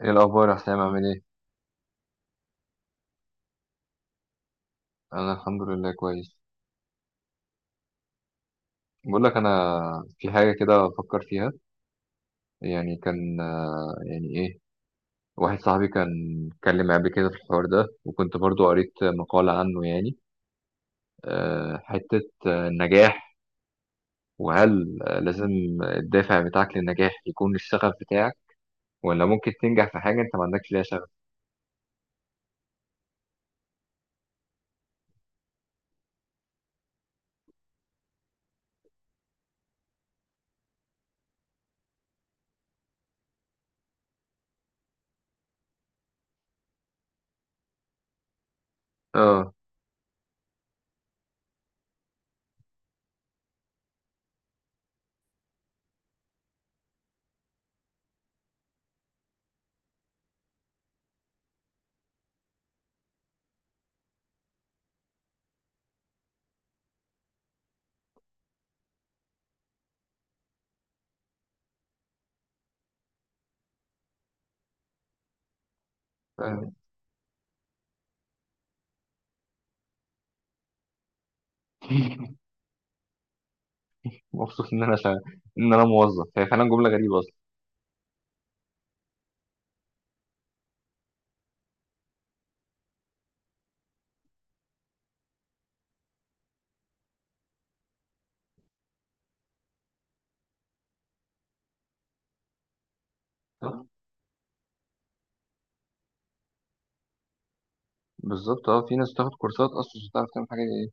ايه الاخبار يا حسام؟ عامل ايه؟ انا الحمد لله كويس. بقول لك انا في حاجه كده بفكر فيها. يعني كان، يعني ايه، واحد صاحبي كان اتكلم معايا قبل كده في الحوار ده، وكنت برضو قريت مقاله عنه يعني. حته، النجاح، وهل لازم الدافع بتاعك للنجاح يكون الشغف بتاعك، ولا ممكن تنجح في حاجه انت ما عندكش ليها شغف؟ اه. فاهم. مبسوط ان انا شغ... ان انا موظف هي فعلا جمله غريبه اصلا. بالظبط اه، في ناس بتاخد كورسات اصلا مش بتعرف تعمل حاجه.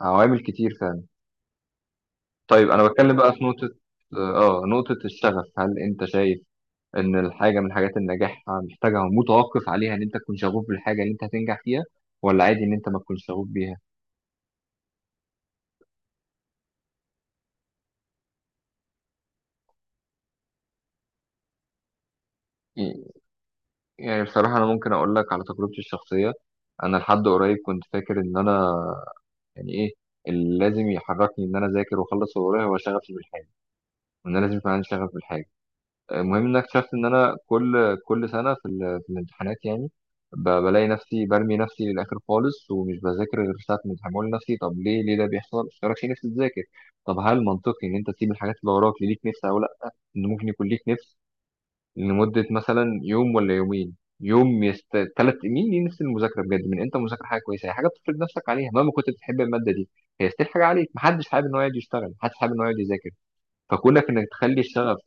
عوامل كتير فعلا. طيب، انا بتكلم بقى في نقطة، اه، نقطة الشغف. هل انت شايف ان الحاجة من حاجات النجاح محتاجة، متوقف عليها ان انت تكون شغوف بالحاجة اللي انت هتنجح فيها، ولا عادي ان انت ما تكونش شغوف بيها؟ يعني بصراحة انا ممكن اقول لك على تجربتي الشخصية. انا لحد قريب كنت فاكر ان انا، يعني ايه، اللي لازم يحركني ان انا اذاكر واخلص اللي ورايا هو شغفي بالحاجة، وان انا لازم يكون عندي شغف بالحاجة. المهم ان أنا اكتشفت ان انا كل سنه في الامتحانات يعني، بلاقي نفسي برمي نفسي للاخر خالص، ومش بذاكر غير ساعه الامتحان، بقول لنفسي طب ليه ده بيحصل؟ مش تراكش نفسي تذاكر. طب هل منطقي ان انت تسيب الحاجات اللي وراك ليك نفس او لا؟ ان ممكن يكون ليك نفس لمده مثلا يوم ولا يومين، يوم ثلاث مين، ليه نفس المذاكره بجد. من انت مذاكره حاجه كويسه، هي حاجه بتفرض نفسك عليها مهما كنت بتحب الماده دي. هي ستيل حاجه عليك. محدش حابب ان هو يقعد يشتغل، محدش حابب ان هو يقعد يذاكر. فكونك انك تخلي الشغف،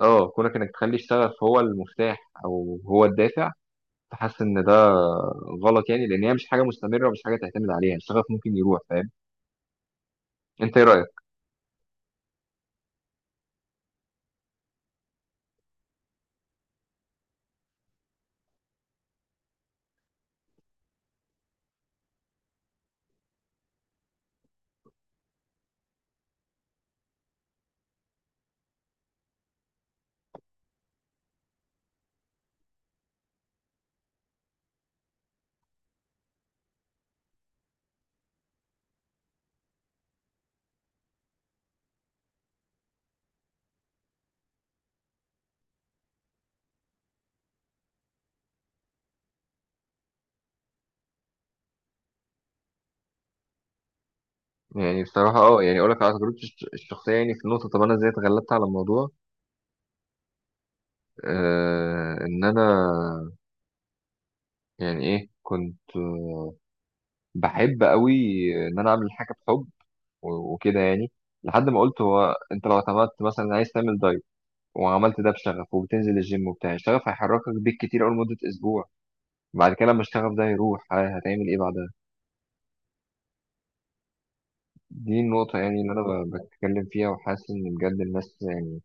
اه، كونك انك تخلي الشغف هو المفتاح، او هو الدافع. فحاسس ان ده غلط، يعني لان هي مش حاجه مستمره ومش حاجه تعتمد عليها. الشغف ممكن يروح، فاهم. انت ايه رايك؟ يعني بصراحه اه، يعني اقول لك على تجربتي الشخصيه، يعني في النقطه، طب انا ازاي اتغلبت على الموضوع؟ آه ان انا، يعني ايه، كنت بحب قوي ان انا اعمل حاجه بحب، وكده يعني، لحد ما قلت هو انت لو اعتمدت مثلا عايز تعمل دايت وعملت ده بشغف وبتنزل الجيم وبتاع، الشغف هيحركك بيك كتير أول مدة أسبوع. بعد كده لما الشغف ده يروح هتعمل إيه بعدها؟ دي النقطة يعني اللي أنا بتكلم فيها، وحاسس إن بجد الناس يعني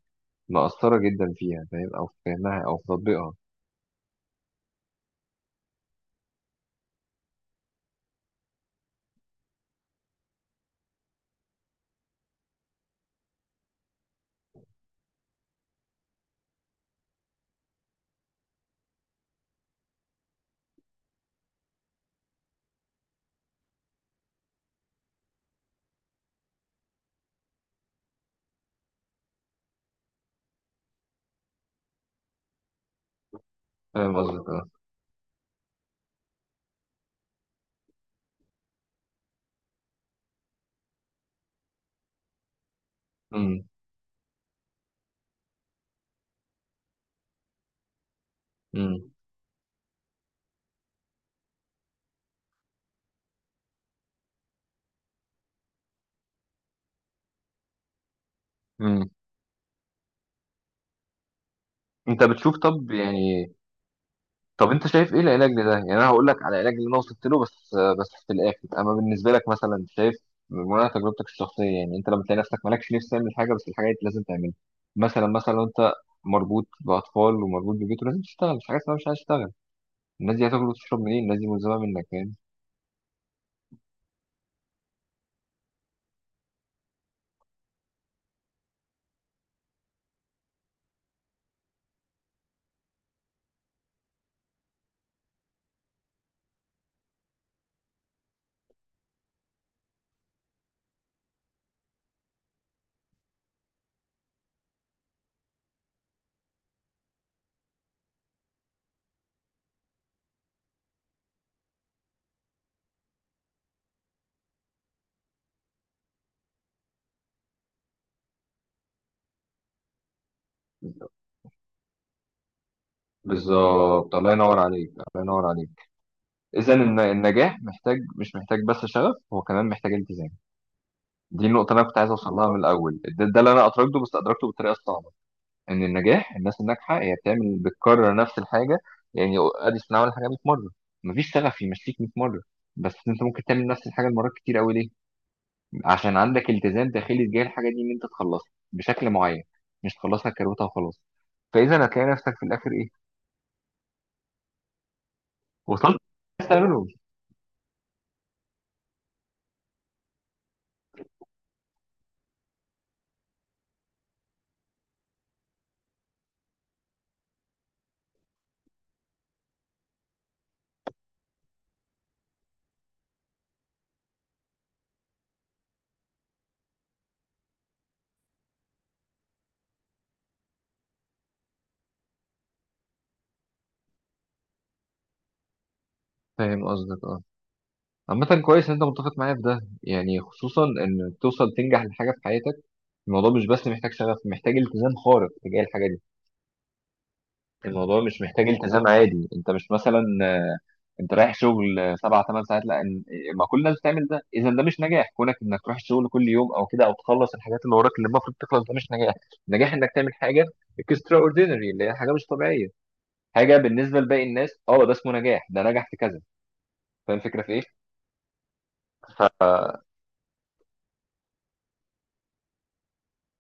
مقصرة جدا فيها، فاهم، أو في فهمها أو في تطبيقها. فاهم قصدك، أه. أمم. أمم. أمم. أنت بتشوف، طب يعني، طب انت شايف ايه العلاج لده؟ يعني انا هقول لك على العلاج اللي انا وصلت له، بس في الاخر. اما بالنسبه لك مثلا، شايف من تجربتك الشخصيه، يعني انت لما تلاقي نفسك مالكش نفس تعمل حاجه، بس الحاجه دي لازم تعملها. مثلا لو انت مربوط باطفال ومربوط ببيت ولازم تشتغل، مش حاجه اسمها مش عايز تشتغل. الناس دي هتاكل وتشرب منين؟ الناس دي ملزمه منك يعني. بالظبط. الله ينور عليك، الله ينور عليك. اذا النجاح محتاج، مش محتاج بس شغف، هو كمان محتاج التزام. دي النقطه اللي انا كنت عايز اوصل لها من الاول. ده اللي انا ادركته، بس ادركته بالطريقه الصعبه. ان النجاح، الناس الناجحه هي بتعمل، بتكرر نفس الحاجه. يعني اديسون عمل الحاجه 100 مره. مفيش سقف يمشيك 100 مره. بس انت ممكن تعمل نفس الحاجه المرات كتير قوي. ليه؟ عشان عندك التزام داخلي تجاه الحاجه دي ان انت تخلصها بشكل معين، مش تخلصها كروتها وخلاص. فاذا هتلاقي نفسك في الاخر ايه؟ وصلت، بس تعمله. فاهم قصدك، اه. عامة كويس ان انت متفق معايا في ده، يعني خصوصا ان توصل تنجح لحاجة في حياتك. الموضوع مش بس محتاج شغف، محتاج التزام خارق تجاه الحاجة دي. الموضوع مش محتاج التزام عادي. انت مش مثلا انت رايح شغل 7 8 ساعات، لا، ما كل الناس بتعمل ده، اذا ده مش نجاح. كونك انك تروح الشغل كل يوم او كده، او تخلص الحاجات اللي وراك اللي المفروض تخلص، ده مش نجاح. النجاح انك تعمل حاجه اكسترا اوردينري، اللي هي حاجه مش طبيعيه، حاجه بالنسبه لباقي الناس، اه ده اسمه نجاح، ده نجح في كذا. فاهم الفكره في ايه؟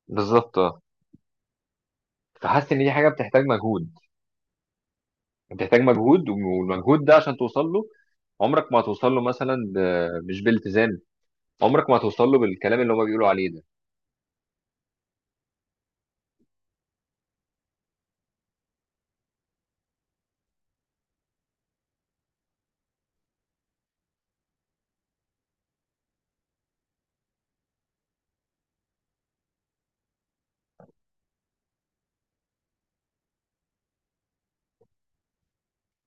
بالظبط اه. فحاسس ان دي حاجه بتحتاج مجهود، بتحتاج مجهود، والمجهود ده عشان توصل له. عمرك ما هتوصل له مثلا مش بالتزام. عمرك ما هتوصل له بالكلام اللي هما بيقولوا عليه ده.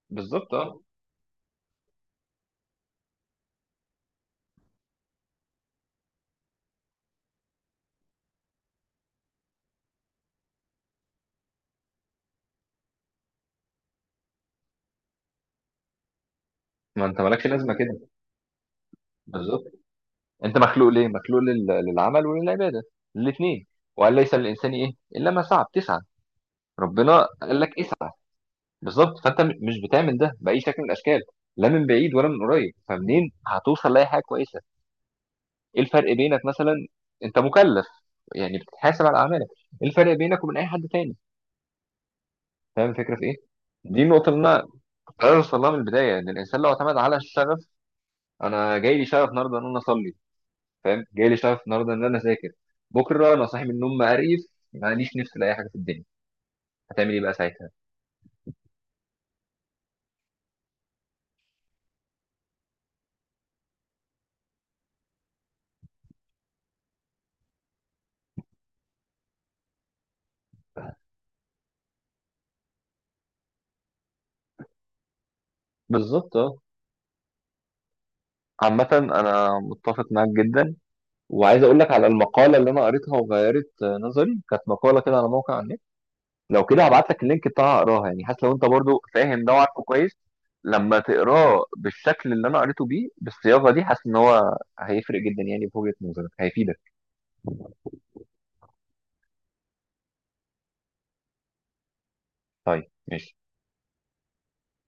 بالظبط اه. ما انت مالكش لازمه كده. بالظبط. انت مخلوق ليه؟ مخلوق للعمل وللعباده، الاثنين. وقال ليس للانسان ايه الا ما سعى، بتسعى، ربنا قال لك اسعى. بالظبط. فانت مش بتعمل ده باي شكل من الاشكال، لا من بعيد ولا من قريب، فمنين هتوصل لاي حاجه كويسه؟ ايه الفرق بينك مثلا، انت مكلف، يعني بتتحاسب على اعمالك. ايه الفرق بينك وبين اي حد تاني؟ فاهم الفكره في ايه؟ دي النقطه اللي انا كنت عايز اوصل لها من البدايه، ان الانسان لو اعتمد على الشغف. انا جاي لي شغف النهارده ان انا اصلي، فاهم، جاي لي شغف النهارده ان انا اذاكر، بكره انا صاحي من النوم مقريف ماليش نفس لاي حاجه في الدنيا، هتعمل ايه بقى ساعتها؟ بالظبط اه. عامة أنا متفق معاك جدا. وعايز أقول لك على المقالة اللي أنا قريتها وغيرت نظري، كانت مقالة كده على موقع على النت. لو كده هبعت لك اللينك بتاعها، أقراها، يعني حتى لو أنت برضو فاهم ده وعارفه كويس. لما تقراه بالشكل اللي أنا قريته بيه بالصياغة دي، حاسس إن هو هيفرق جدا يعني في وجهة نظرك، هيفيدك. طيب ماشي.